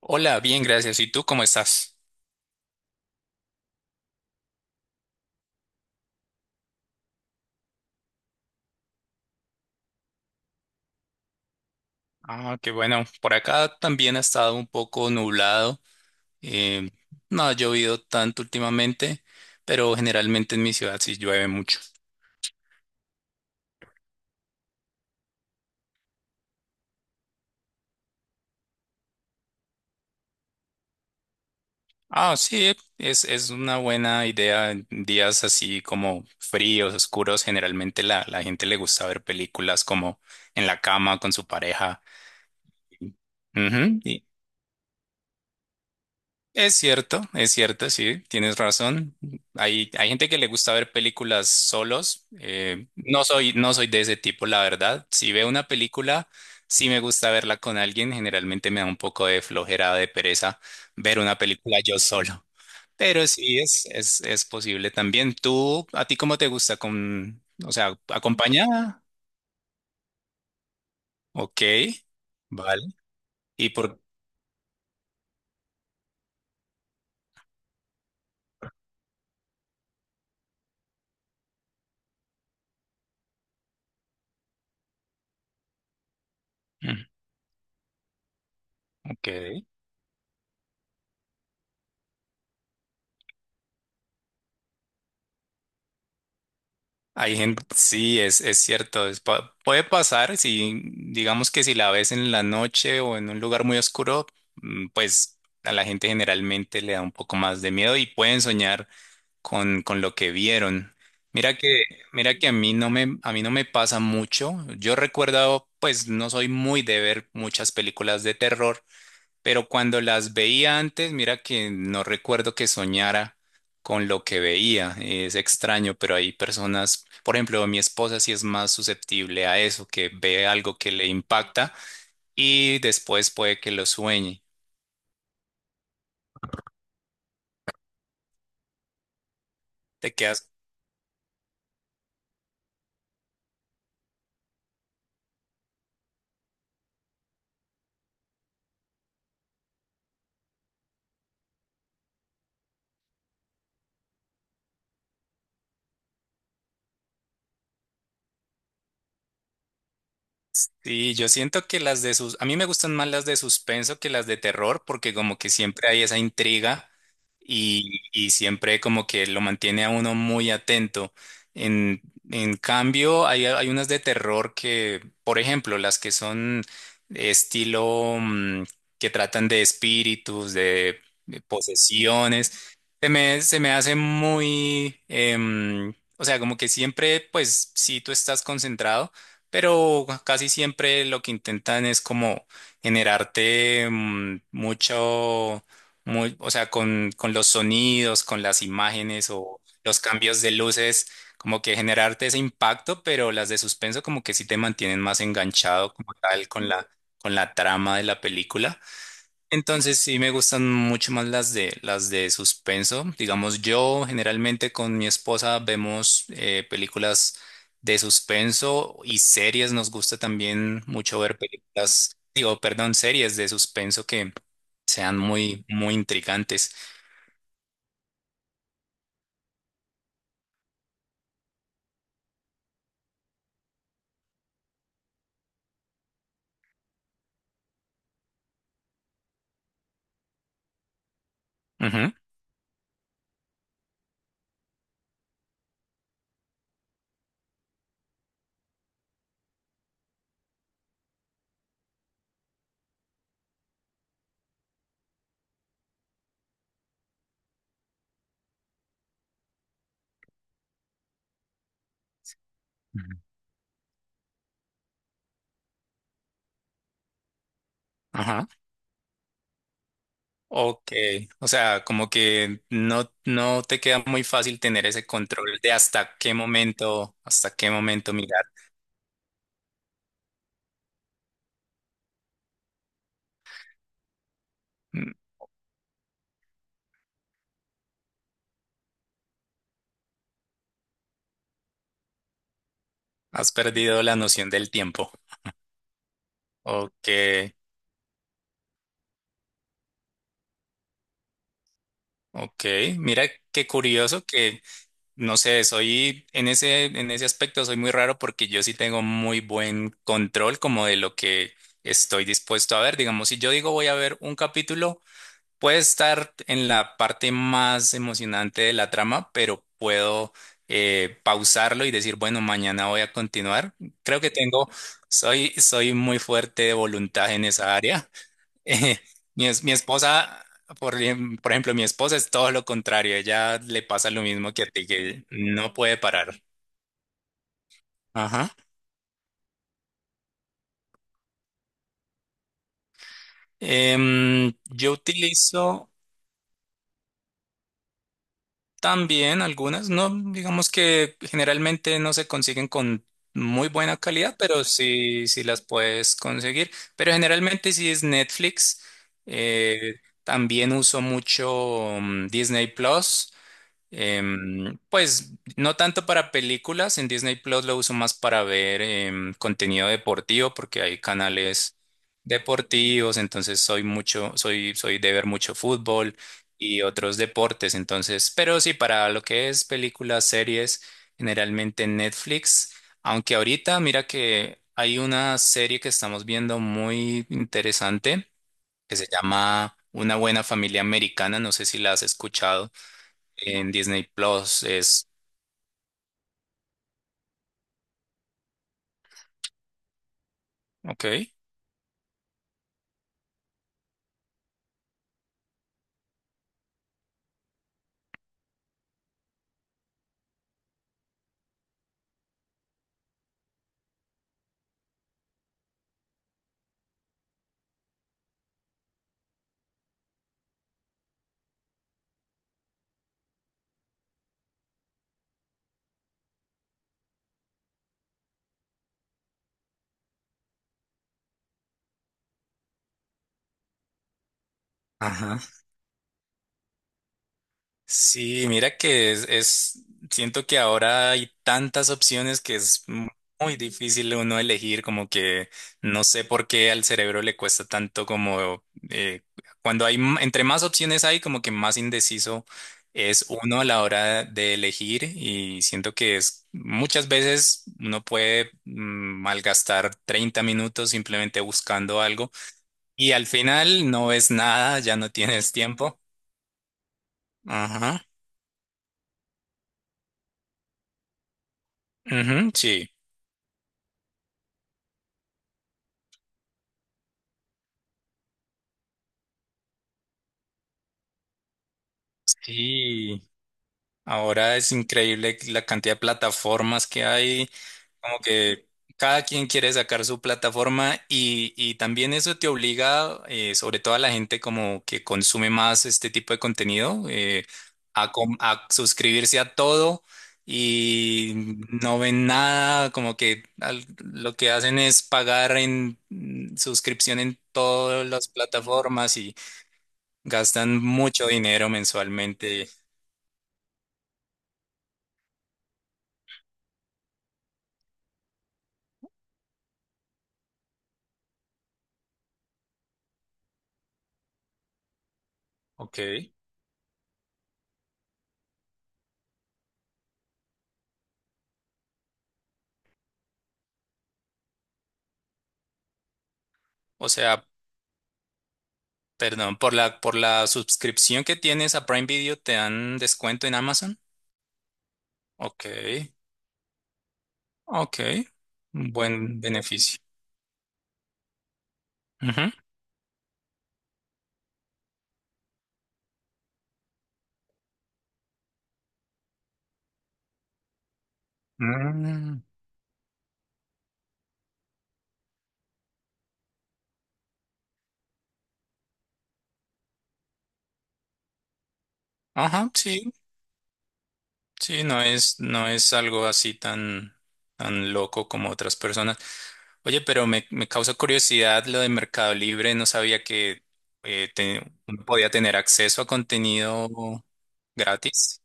Hola, bien, gracias. ¿Y tú cómo estás? Ah, qué bueno. Por acá también ha estado un poco nublado. eh, no ha llovido tanto últimamente, pero generalmente en mi ciudad sí llueve mucho. Ah, sí, es una buena idea. En días así como fríos, oscuros, generalmente la gente le gusta ver películas como en la cama con su pareja. Ujú, y es cierto, es cierto, sí, tienes razón. Hay gente que le gusta ver películas solos. No soy de ese tipo, la verdad. Si veo una película, sí me gusta verla con alguien. Generalmente me da un poco de flojera, de pereza ver una película yo solo. Pero sí, es posible también. ¿Tú, a ti cómo te gusta con, o sea, acompañada? Ok, vale. ¿Y por, mm, ok. Hay gente, sí, es cierto, puede pasar, si digamos que si la ves en la noche o en un lugar muy oscuro, mm, pues a la gente generalmente le da un poco más de miedo y pueden soñar con lo que vieron. Mira que, mira que a mí no me pasa mucho. Yo recuerdo, pues no soy muy de ver muchas películas de terror. Pero cuando las veía antes, mira que no recuerdo que soñara con lo que veía. Es extraño, pero hay personas, por ejemplo, mi esposa sí es más susceptible a eso, que ve algo que le impacta y después puede que lo sueñe. Te quedas. Y yo siento que las de sus, a mí me gustan más las de suspenso que las de terror, porque como que siempre hay esa intriga y siempre como que lo mantiene a uno muy atento. En, en cambio, hay unas de terror que, por ejemplo, las que son estilo mm, que tratan de espíritus, de posesiones, se me hace muy, em, o sea, como que siempre, pues sí, tú estás concentrado. Pero casi siempre lo que intentan es como generarte mm, mucho, muy, o sea, con los sonidos, con las imágenes o los cambios de luces, como que generarte ese impacto, pero las de suspenso como que sí te mantienen más enganchado como tal con con la trama de la película. Entonces sí me gustan mucho más las de suspenso. Digamos, yo generalmente con mi esposa vemos películas de suspenso y series. Nos gusta también mucho ver películas, digo, perdón, series de suspenso que sean muy, muy intrigantes. Ujú. Ujú. Ajá. Ok. O sea, como que no, no te queda muy fácil tener ese control de hasta qué momento mirar. Mm, has perdido la noción del tiempo. Ok, ok. Mira qué curioso que, no sé, soy en en ese aspecto soy muy raro porque yo sí tengo muy buen control como de lo que estoy dispuesto a ver. Digamos, si yo digo voy a ver un capítulo, puede estar en la parte más emocionante de la trama, pero puedo pausarlo y decir, bueno, mañana voy a continuar. Creo que tengo, soy muy fuerte de voluntad en esa área. Eh, mi esposa, por ejemplo, mi esposa es todo lo contrario. Ella le pasa lo mismo que a ti, que no puede parar. Ajá. Em, yo utilizo también algunas, no, digamos que generalmente no se consiguen con muy buena calidad, pero sí, sí las puedes conseguir. Pero generalmente sí es Netflix. Eh, también uso mucho mm, Disney Plus. Em, pues no tanto para películas, en Disney Plus lo uso más para ver em, contenido deportivo porque hay canales deportivos, entonces soy mucho, soy de ver mucho fútbol y otros deportes, entonces, pero sí, para lo que es películas, series, generalmente Netflix, aunque ahorita mira que hay una serie que estamos viendo muy interesante que se llama Una buena familia americana, no sé si la has escuchado en Disney Plus es... Ok. Ajá. Sí, mira que es- siento que ahora hay tantas opciones que es mu- muy difícil uno elegir, como que no sé por qué al cerebro le cuesta tanto como eh, cuando hay, m- entre más opciones hay, como que más indeciso es uno a la hora de elegir y siento que es muchas veces uno puede mm, malgastar 30 minutos simplemente buscando algo y al final no es nada, ya no tienes tiempo. Ajá. Ujú, sí. Sí. Ahora es increíble la cantidad de plataformas que hay. Como que cada quien quiere sacar su plataforma y también eso te obliga, sobre todo a la gente como que consume más este tipo de contenido, a suscribirse a todo y no ven nada, como que al- lo que hacen es pagar en mm, suscripción en todas las plataformas y gastan mucho dinero mensualmente. Ok. O sea, perdón, por por la suscripción que tienes a Prime Video, ¿te dan descuento en Amazon? Ok, ok. Buen beneficio. Ujú. Mm, ajá, sí, sí, no es, no es algo así tan, tan loco como otras personas. Oye, pero me causa curiosidad lo de Mercado Libre. No sabía que eh, te- uno podía tener acceso a contenido gratis.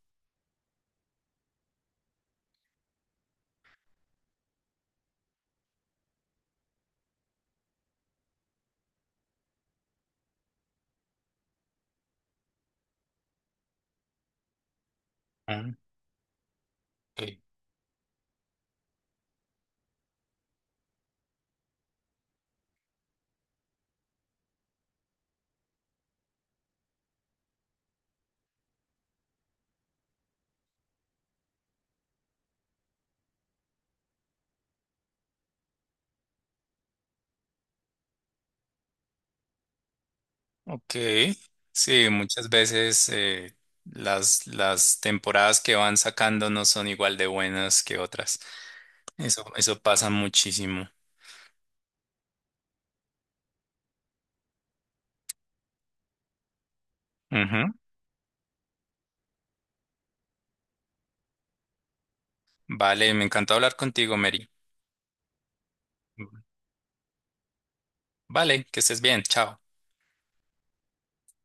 Ah, ok. Ok, sí, muchas veces las temporadas que van sacando no son igual de buenas que otras. Eso pasa muchísimo. Ujú. Vale, me encantó hablar contigo, Mary. Vale, que estés bien, chao.